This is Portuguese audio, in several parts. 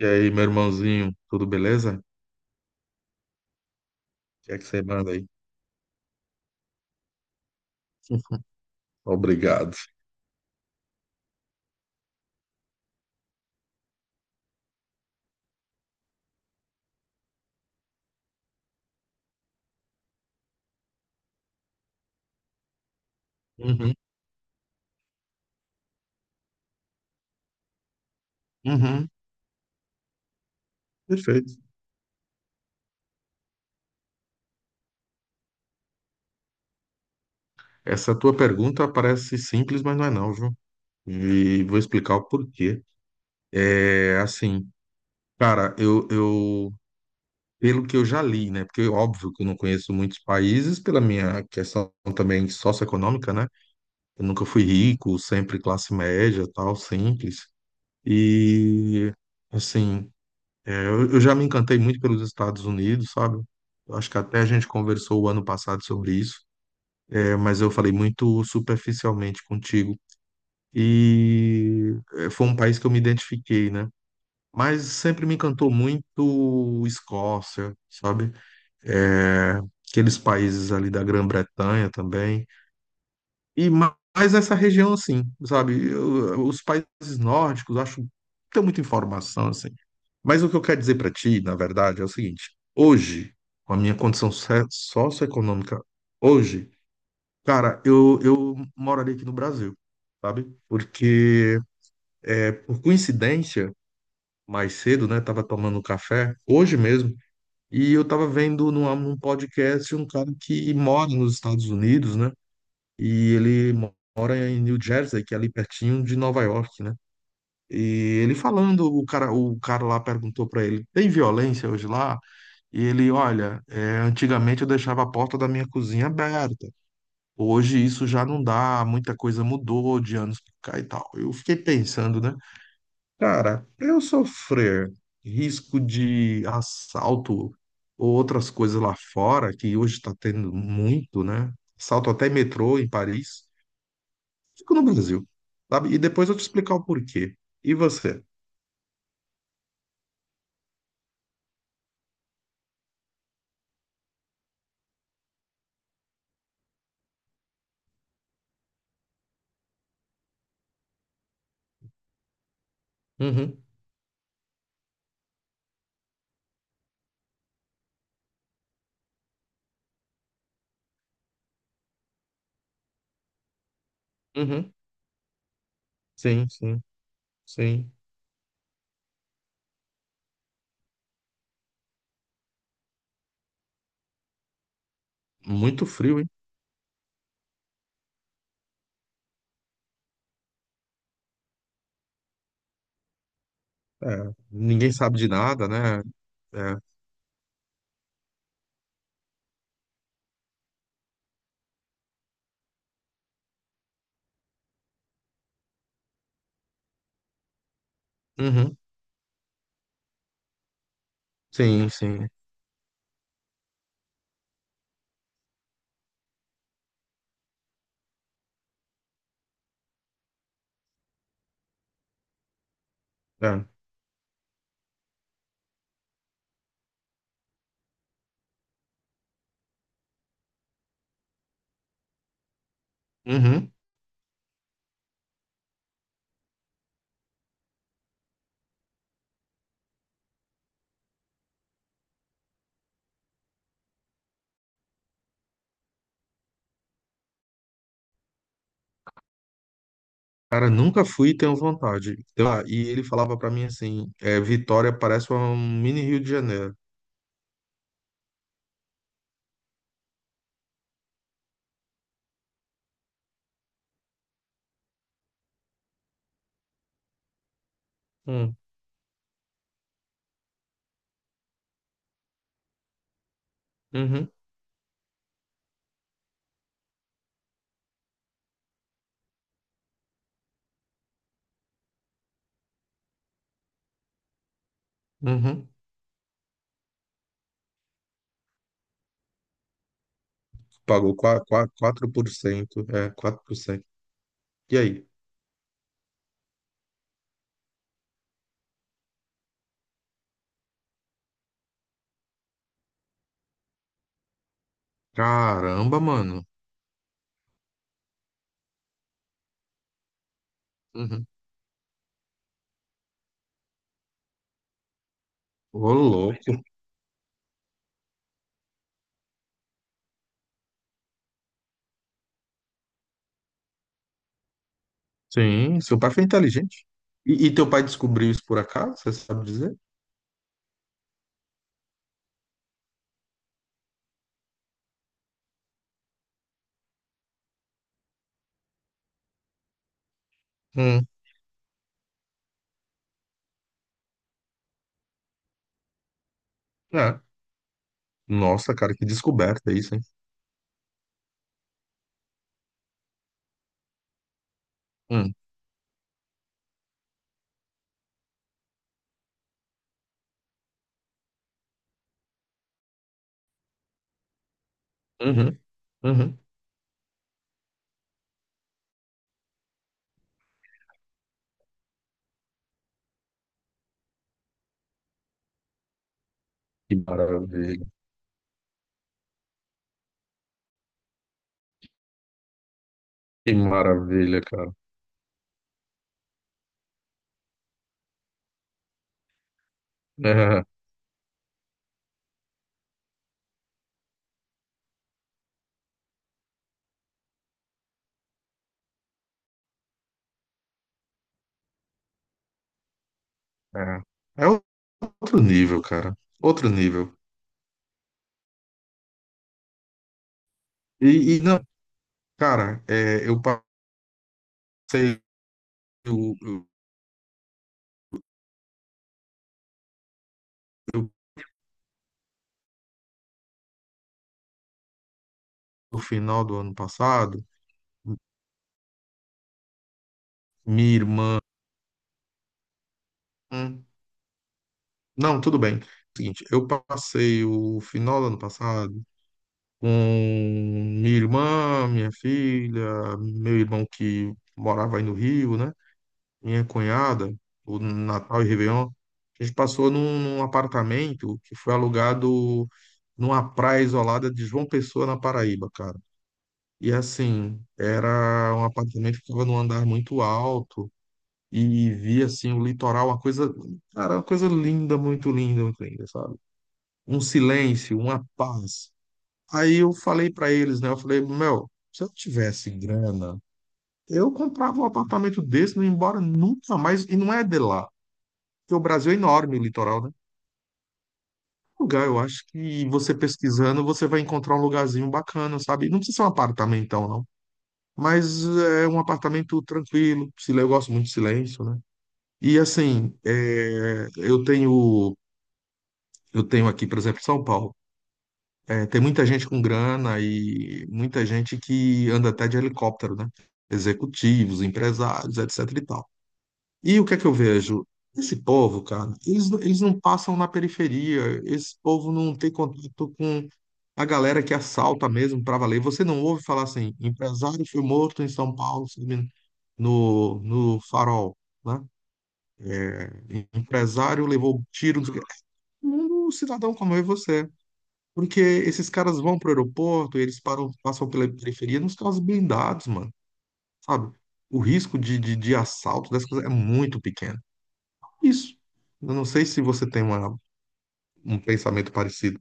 E aí, meu irmãozinho, tudo beleza? O que é que você manda aí? Obrigado. Uhum, uhum, perfeito. Essa tua pergunta parece simples, mas não é não, viu? E vou explicar o porquê. É assim, cara, eu, pelo que eu já li, né? Porque é óbvio que eu não conheço muitos países pela minha questão também socioeconômica, né? Eu nunca fui rico, sempre classe média, tal, simples. E assim, é, eu já me encantei muito pelos Estados Unidos, sabe? Eu acho que até a gente conversou o ano passado sobre isso, é, mas eu falei muito superficialmente contigo. E é, foi um país que eu me identifiquei, né? Mas sempre me encantou muito Escócia, sabe? É, aqueles países ali da Grã-Bretanha também. E mais essa região, assim, sabe? Os países nórdicos, eu acho, que tem muita informação, assim. Mas o que eu quero dizer para ti, na verdade, é o seguinte: hoje, com a minha condição socioeconômica, hoje, cara, eu moraria aqui no Brasil, sabe? Porque, é, por coincidência, mais cedo, né, tava tomando café, hoje mesmo, e eu tava vendo num podcast um cara que mora nos Estados Unidos, né? E ele mora em New Jersey, que é ali pertinho de Nova York, né? E ele falando, o cara lá perguntou para ele: tem violência hoje lá? E ele: olha, é, antigamente eu deixava a porta da minha cozinha aberta, hoje isso já não dá, muita coisa mudou de anos pra cá e tal. Eu fiquei pensando, né? Cara, pra eu sofrer risco de assalto ou outras coisas lá fora, que hoje tá tendo muito, né? Assalto até metrô em Paris, fico no Brasil, sabe? E depois eu te explicar o porquê. E você? Uhum, uhum. Sim, sim, sim. Muito frio, hein? É, ninguém sabe de nada, né? É, uhum, sim, sim. É. Uhum. Cara, nunca fui e tenho vontade. Então, ah, e ele falava pra mim assim, é, Vitória parece um mini Rio de Janeiro. Hum, Uhum, uhum. Pagou 4%, 4%, é, 4%. E aí? Caramba, mano. Uhum. Ô, louco. Sim, seu pai foi inteligente. E teu pai descobriu isso por acaso, você sabe dizer? Hum, é. Nossa, cara, que descoberta isso, hein? Hum, uhum, uhum. Que maravilha, que maravilha, cara. É, é. É outro nível, cara. Outro nível. E, e não, cara, é, eu passei o, o- eu- o final do ano passado, minha irmã. Hum, não, tudo bem. Seguinte, eu passei o final do ano passado com minha irmã, minha filha, meu irmão que morava aí no Rio, né? Minha cunhada, o Natal e Réveillon. A gente passou num apartamento que foi alugado numa praia isolada de João Pessoa, na Paraíba, cara. E assim, era um apartamento que ficava num andar muito alto e via assim o litoral, uma coisa, cara, uma coisa linda, muito linda, muito linda, sabe? Um silêncio, uma paz. Aí eu falei pra eles, né? Eu falei, meu, se eu tivesse grana, eu comprava um apartamento desse, não ia embora nunca mais. E não é de lá, porque o Brasil é enorme, o litoral, né? Um lugar, eu acho que você pesquisando, você vai encontrar um lugarzinho bacana, sabe? Não precisa ser um apartamentão, não. Mas é um apartamento tranquilo, eu gosto muito de silêncio, né? E assim, é, eu tenho aqui, por exemplo, São Paulo. É, tem muita gente com grana e muita gente que anda até de helicóptero, né? Executivos, empresários, etc e tal. E o que é que eu vejo? Esse povo, cara, eles não passam na periferia, esse povo não tem contato com a galera que assalta mesmo para valer. Você não ouve falar assim, empresário foi morto em São Paulo, se não me engano, no Farol, né? Empresário levou tiro, não sei o quê. É um cidadão como eu e você. Porque esses caras vão pro aeroporto, eles param, passam pela periferia nos carros blindados, mano, sabe? O risco de assalto dessas coisas é muito pequeno. Isso. Eu não sei se você tem uma, um pensamento parecido.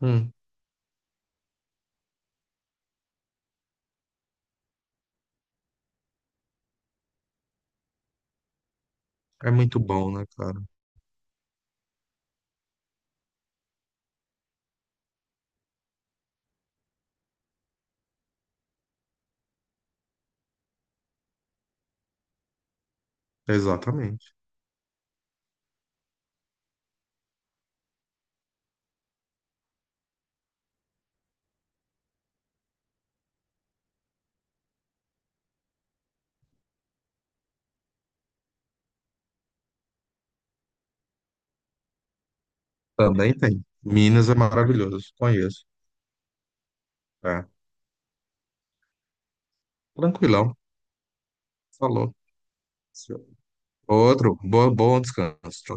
Hum, é muito bom, né, cara? Exatamente. Também tem. Minas é maravilhoso, conheço. É. Tranquilão. Falou. Outro. Bom, bom descanso. Tchau.